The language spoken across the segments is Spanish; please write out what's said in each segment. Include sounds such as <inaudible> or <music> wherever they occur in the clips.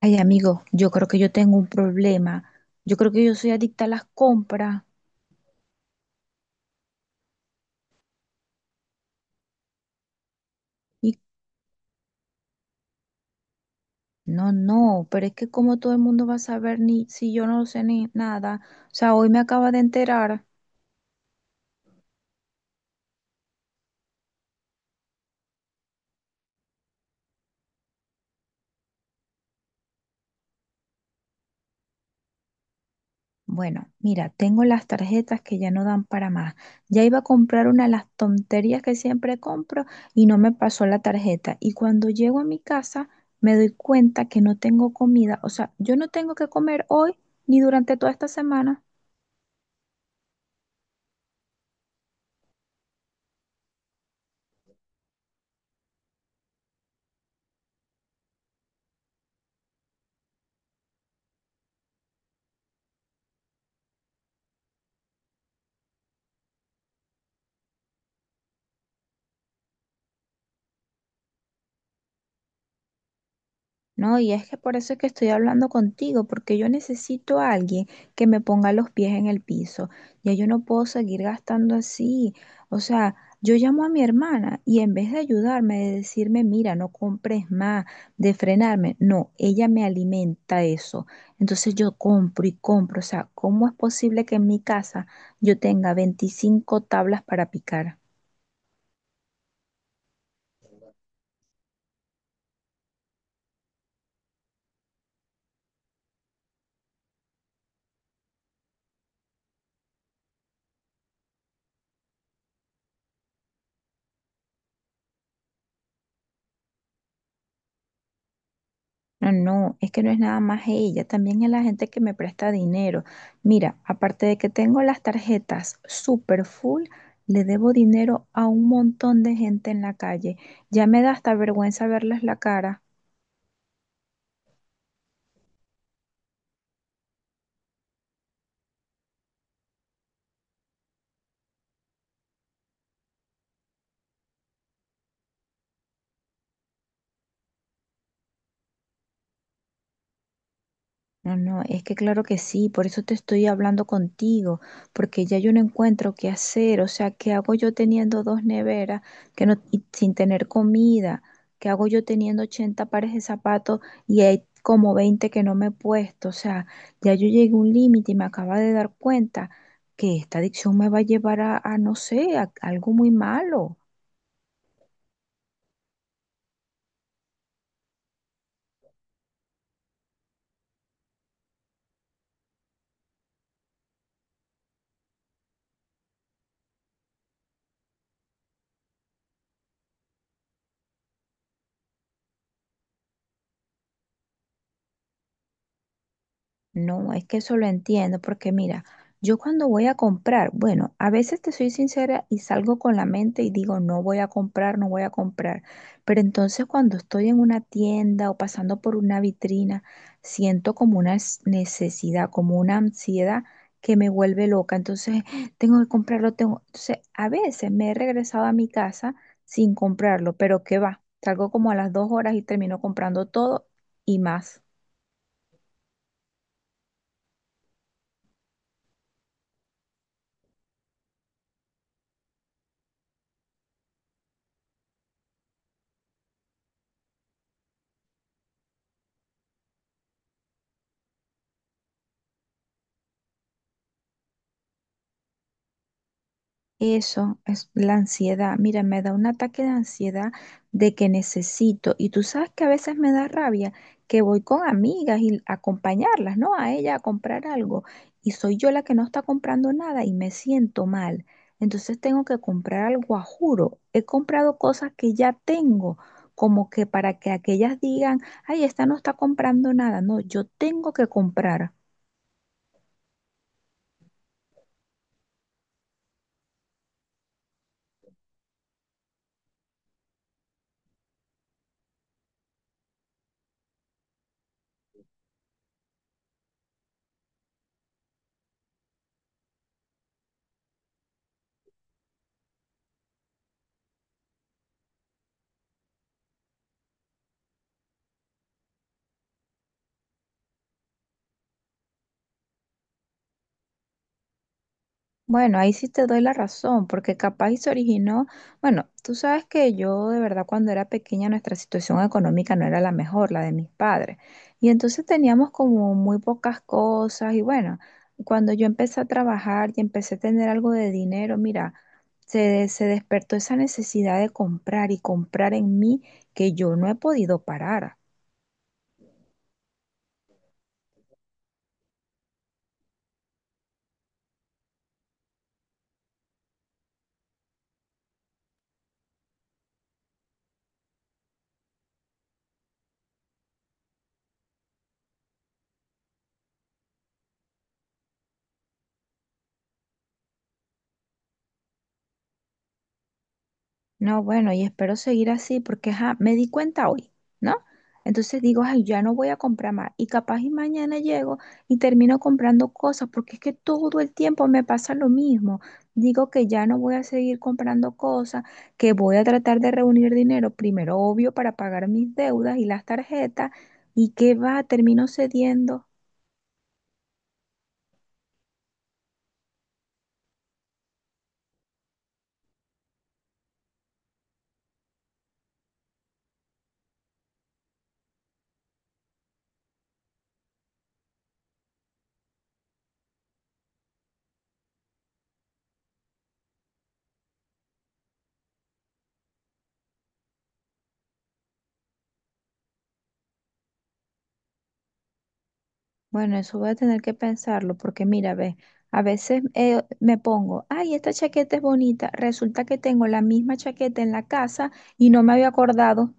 Ay, amigo, yo creo que yo tengo un problema. Yo creo que yo soy adicta a las compras. Y no, no, pero es que como todo el mundo va a saber ni si yo no sé ni nada. O sea, hoy me acaba de enterar. Bueno, mira, tengo las tarjetas que ya no dan para más. Ya iba a comprar una de las tonterías que siempre compro y no me pasó la tarjeta. Y cuando llego a mi casa, me doy cuenta que no tengo comida. O sea, yo no tengo que comer hoy ni durante toda esta semana. No, y es que por eso es que estoy hablando contigo, porque yo necesito a alguien que me ponga los pies en el piso. Ya yo no puedo seguir gastando así. O sea, yo llamo a mi hermana y en vez de ayudarme, de decirme, mira, no compres más, de frenarme, no, ella me alimenta eso. Entonces yo compro y compro. O sea, ¿cómo es posible que en mi casa yo tenga 25 tablas para picar? No, no, es que no es nada más ella, también es la gente que me presta dinero. Mira, aparte de que tengo las tarjetas super full, le debo dinero a un montón de gente en la calle. Ya me da hasta vergüenza verles la cara. No, no, es que claro que sí, por eso te estoy hablando contigo, porque ya yo no encuentro qué hacer, o sea, ¿qué hago yo teniendo dos neveras que no, y sin tener comida? ¿Qué hago yo teniendo 80 pares de zapatos y hay como 20 que no me he puesto? O sea, ya yo llegué a un límite y me acaba de dar cuenta que esta adicción me va a llevar a no sé, a algo muy malo. No, es que eso lo entiendo, porque mira, yo cuando voy a comprar, bueno, a veces te soy sincera y salgo con la mente y digo, no voy a comprar, no voy a comprar. Pero entonces cuando estoy en una tienda o pasando por una vitrina, siento como una necesidad, como una ansiedad que me vuelve loca. Entonces, <gasps> tengo que comprarlo, tengo. Entonces, a veces me he regresado a mi casa sin comprarlo, pero qué va, salgo como a las 2 horas y termino comprando todo y más. Eso es la ansiedad. Mira, me da un ataque de ansiedad de que necesito. Y tú sabes que a veces me da rabia que voy con amigas y a acompañarlas, ¿no? A ella a comprar algo. Y soy yo la que no está comprando nada y me siento mal. Entonces tengo que comprar algo a juro. He comprado cosas que ya tengo, como que para que aquellas digan, ay, esta no está comprando nada. No, yo tengo que comprar. Bueno, ahí sí te doy la razón, porque capaz y se originó, bueno, tú sabes que yo de verdad cuando era pequeña nuestra situación económica no era la mejor, la de mis padres, y entonces teníamos como muy pocas cosas y bueno, cuando yo empecé a trabajar y empecé a tener algo de dinero, mira, se despertó esa necesidad de comprar y comprar en mí que yo no he podido parar. No, bueno, y espero seguir así porque ajá, me di cuenta hoy, ¿no? Entonces digo, ay, ya no voy a comprar más. Y capaz y mañana llego y termino comprando cosas porque es que todo el tiempo me pasa lo mismo. Digo que ya no voy a seguir comprando cosas, que voy a tratar de reunir dinero, primero obvio, para pagar mis deudas y las tarjetas, y que va, termino cediendo. Bueno, eso voy a tener que pensarlo, porque mira, ve, a veces me pongo, ay, esta chaqueta es bonita, resulta que tengo la misma chaqueta en la casa y no me había acordado.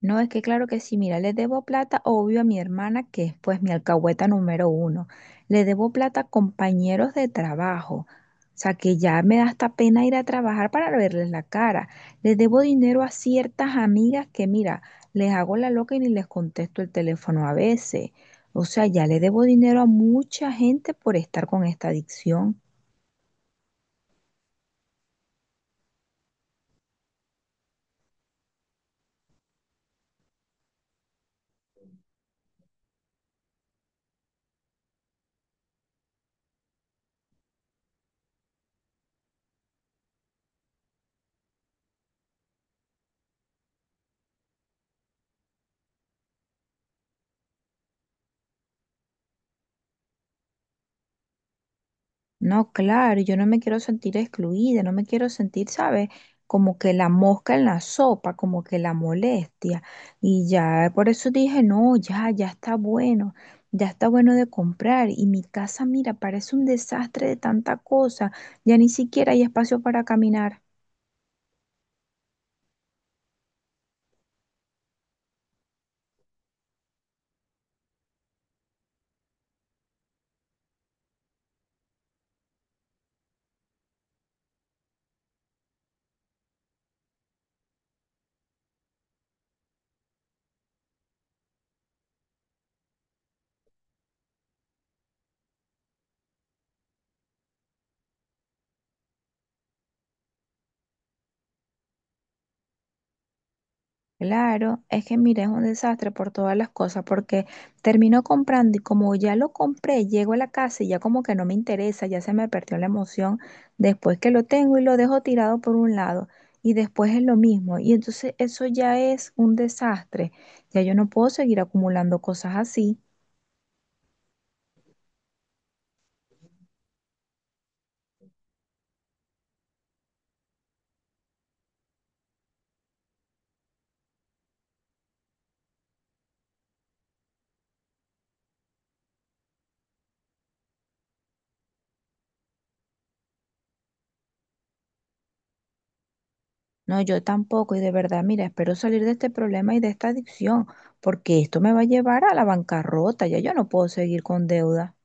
No, es que claro que sí, mira, le debo plata, obvio, a mi hermana, que es pues mi alcahueta número uno. Le debo plata a compañeros de trabajo. O sea, que ya me da hasta pena ir a trabajar para verles la cara. Le debo dinero a ciertas amigas que, mira, les hago la loca y ni les contesto el teléfono a veces. O sea, ya le debo dinero a mucha gente por estar con esta adicción. No, claro, yo no me quiero sentir excluida, no me quiero sentir, ¿sabes? Como que la mosca en la sopa, como que la molestia. Y ya, por eso dije, no, ya, ya está bueno de comprar. Y mi casa, mira, parece un desastre de tanta cosa, ya ni siquiera hay espacio para caminar. Claro, es que mira, es un desastre por todas las cosas, porque termino comprando y como ya lo compré, llego a la casa y ya como que no me interesa, ya se me perdió la emoción después que lo tengo y lo dejo tirado por un lado y después es lo mismo. Y entonces eso ya es un desastre. Ya yo no puedo seguir acumulando cosas así. No, yo tampoco y de verdad, mira, espero salir de este problema y de esta adicción, porque esto me va a llevar a la bancarrota, ya yo no puedo seguir con deuda.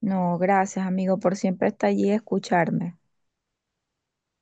No, gracias, amigo, por siempre estar allí y escucharme.